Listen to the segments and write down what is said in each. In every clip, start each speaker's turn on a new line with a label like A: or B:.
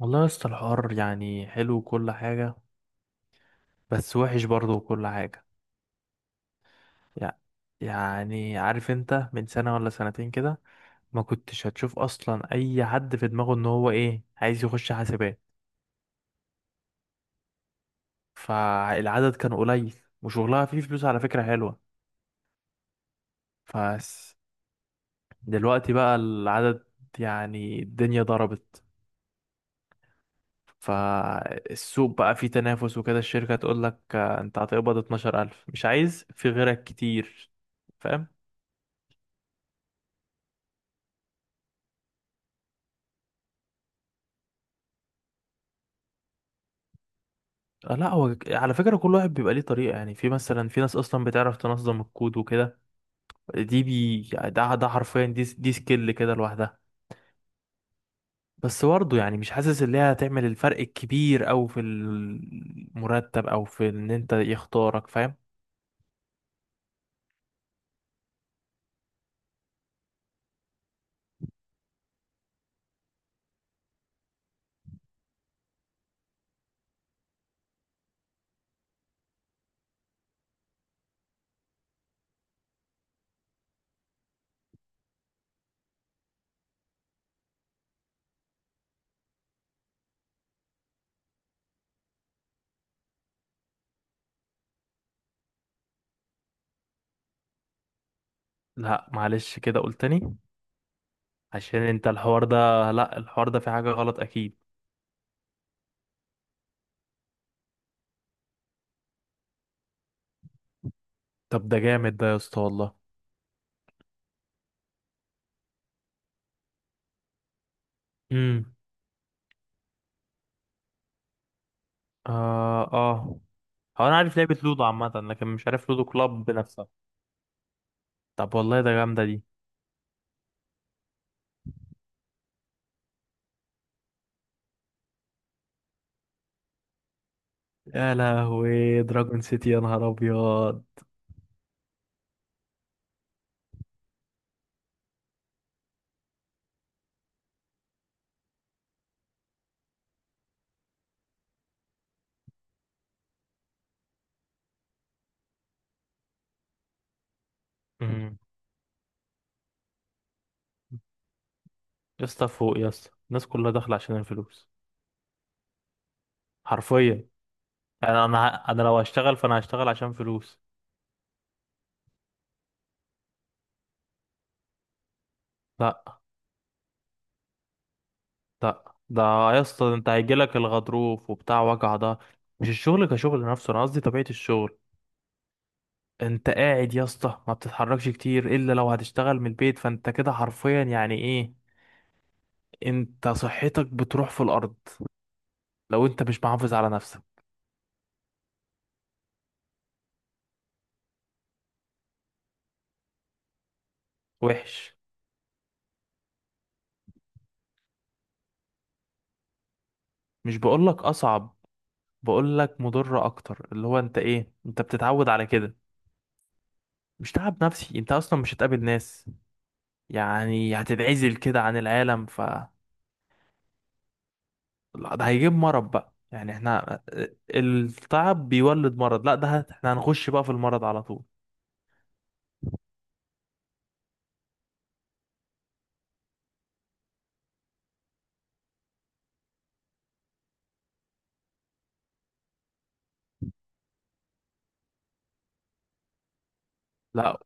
A: والله يا اسطى الحوار يعني حلو وكل حاجة، بس وحش برضه وكل حاجة. يع- يعني عارف انت من سنة ولا سنتين كده ما كنتش هتشوف اصلا اي حد في دماغه ان هو ايه عايز يخش حاسبات، فالعدد كان قليل، وشغلها فيه فلوس على فكرة حلوة. فس دلوقتي بقى العدد يعني الدنيا ضربت، فالسوق بقى فيه تنافس وكده، الشركة تقول لك آه، انت هتقبض 12000، مش عايز في غيرك كتير. فاهم؟ آه، لا هو على فكرة كل واحد بيبقى ليه طريقة، يعني في مثلا في ناس أصلا بتعرف تنظم الكود وكده. دي بي يعني، ده حرفيا دي سكيل كده لوحدها. بس برضه يعني مش حاسس إن هي هتعمل الفرق الكبير أوي في المرتب أو في إن أنت يختارك. فاهم؟ لا معلش، كده قلت تاني عشان أنت الحوار ده، لا الحوار ده في حاجة غلط أكيد. طب ده جامد ده يا اسطى والله. امم. آه، آه. هو أنا عارف لعبة لودو عامة، لكن مش عارف لودو كلاب نفسها. طب والله ده جامدة دي. يا لهوي، دراجون سيتي، يا نهار ابيض. امم. يا اسطى فوق يا اسطى، الناس كلها داخله عشان الفلوس، حرفيا. يعني انا لو هشتغل فانا هشتغل عشان فلوس. لا، لا ده، يا اسطى انت هيجيلك الغضروف وبتاع وجع ده. مش الشغل كشغل نفسه، انا قصدي طبيعه الشغل. انت قاعد يا اسطى، ما بتتحركش كتير الا لو هتشتغل من البيت، فانت كده حرفيا يعني ايه، انت صحتك بتروح في الارض لو انت مش محافظ على نفسك. وحش، مش بقولك اصعب، بقول لك مضرة اكتر، اللي هو انت ايه انت بتتعود على كده. مش تعب نفسي، انت اصلا مش هتقابل ناس، يعني هتتعزل كده عن العالم ف... لا، ده هيجيب مرض بقى، يعني احنا التعب بيولد مرض، لا احنا هنخش بقى في المرض على طول. لا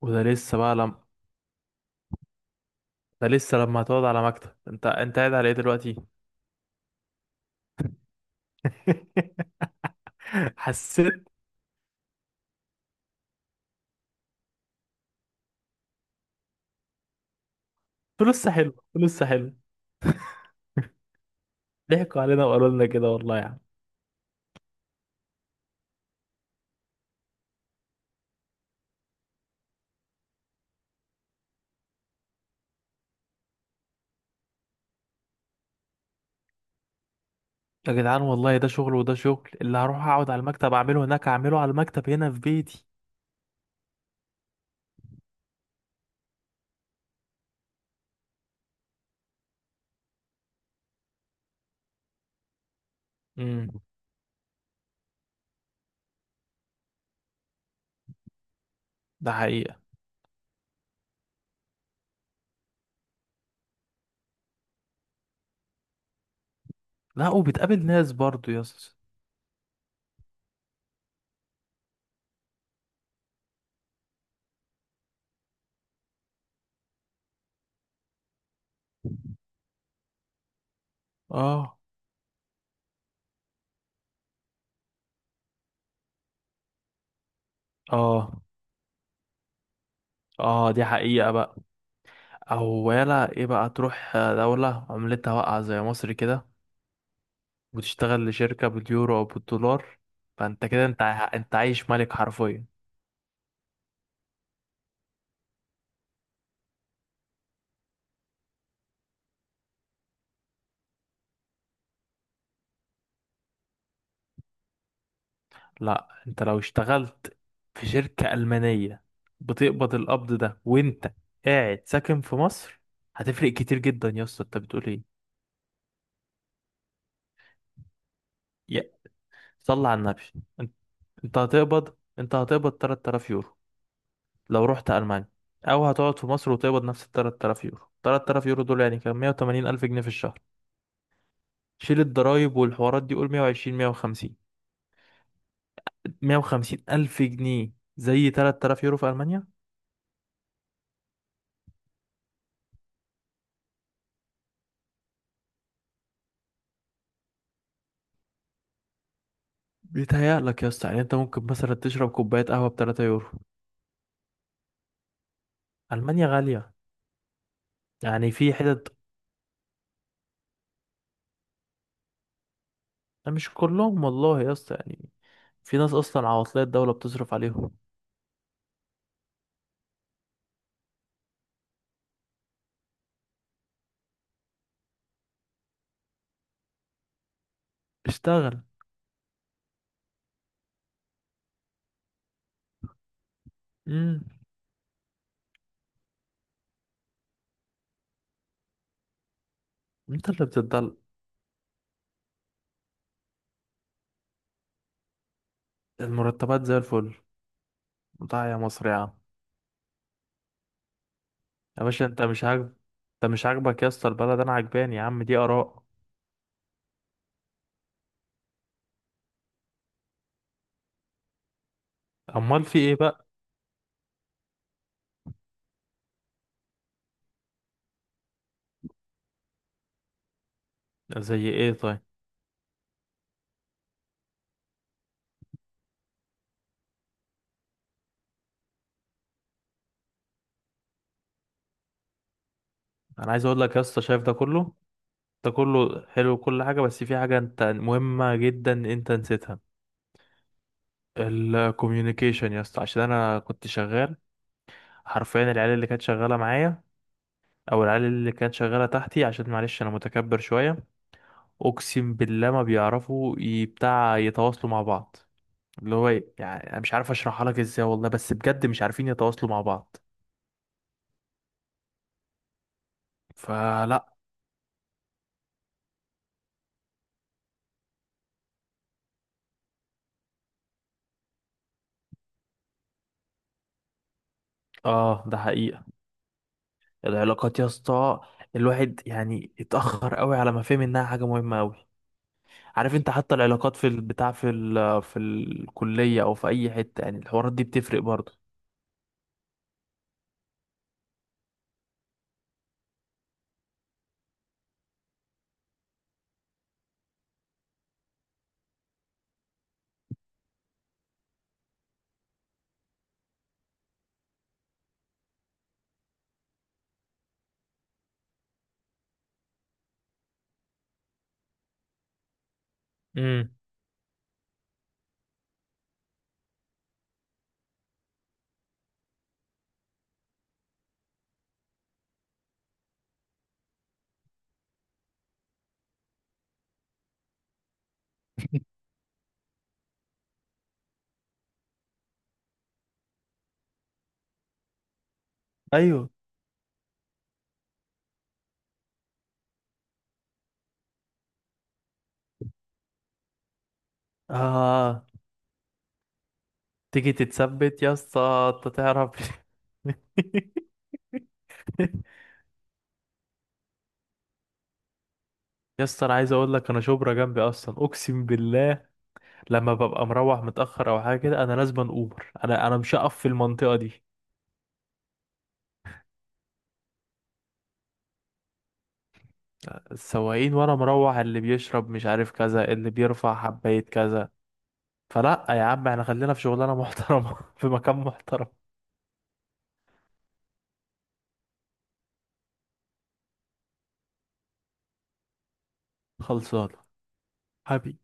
A: وده لسه بقى لم... ده لسه لما هتقعد على مكتب، انت قاعد على ايه دلوقتي؟ حسيت. فلوسها حلوه، فلوسها حلوه. ضحكوا علينا وقالوا لنا كده والله يا عم. يا جدعان والله ده شغل، وده شغل اللي هروح اقعد على المكتب اعمله هناك، اعمله على المكتب هنا في بيتي. امم. ده حقيقة. لا، وبتقابل ناس برضو يا اسطى. اه. اه. اه دي حقيقة بقى. او يلا ايه بقى، تروح دولة عملتها واقعة زي مصر كده وتشتغل لشركة باليورو او بالدولار، فانت كده انت عايش ملك حرفيا. لا، انت لو اشتغلت في شركة ألمانية، بتقبض القبض ده وانت قاعد ساكن في مصر، هتفرق كتير جدا يا اسطى، انت بتقول ايه؟ يا، صلي على النبي. انت انت هتقبض 3000 يورو لو رحت ألمانيا، او هتقعد في مصر وتقبض نفس ال 3000 يورو. 3000 يورو دول يعني كام؟ 180 الف جنيه في الشهر. شيل الضرايب والحوارات دي، قول 120، 150. 150 الف جنيه زي 3000 يورو في ألمانيا. بيتهيألك يا اسطى، يعني انت ممكن مثلا تشرب كوباية قهوة ب 3 يورو. ألمانيا غالية، يعني في حتت. مش كلهم والله يا اسطى، يعني في ناس أصلا عواطلية الدولة بتصرف عليهم. اشتغل. امم. انت اللي بتدل. المرتبات زي الفل، بتاع يا مصر يا عم. يا باشا، انت مش عاجبك يا اسطى البلد، انا عجباني يا عم، دي آراء. أمال في ايه بقى؟ زي ايه طيب؟ انا عايز اقول لك يا اسطى، شايف ده كله؟ ده كله حلو كل حاجة، بس في حاجة انت مهمة جدا انت نسيتها. الكوميونيكيشن يا اسطى، عشان انا كنت شغال حرفيا، العيال اللي كانت شغالة معايا او العيال اللي كانت شغاله تحتي، عشان معلش انا متكبر شويه، اقسم بالله ما بيعرفوا ي- بتاع يتواصلوا مع بعض، اللي هو يعني انا مش عارف اشرحها لك ازاي والله، بس بجد مش عارفين يتواصلوا مع بعض. فلا. اه ده حقيقه، العلاقات يا اسطى، الواحد يعني اتاخر قوي على ما فهم انها حاجه مهمه قوي. عارف انت، حتى العلاقات في البتاع، في في الكليه او في اي حته، يعني الحوارات دي بتفرق برضه. امم. ايوه. آه. تيجي تتثبت يا اسطى انت تعرف. يا اسطى انا عايز اقول لك، انا شبرا جنبي اصلا اقسم بالله، لما ببقى مروح متاخر او حاجه كده انا لازم اوبر، انا مش هقف في المنطقه دي. السواقين وانا مروح، اللي بيشرب مش عارف كذا، اللي بيرفع حبايه كذا. فلا يا عم، احنا خلينا في شغلانه محترمه في مكان محترم. خلصانه حبيبي.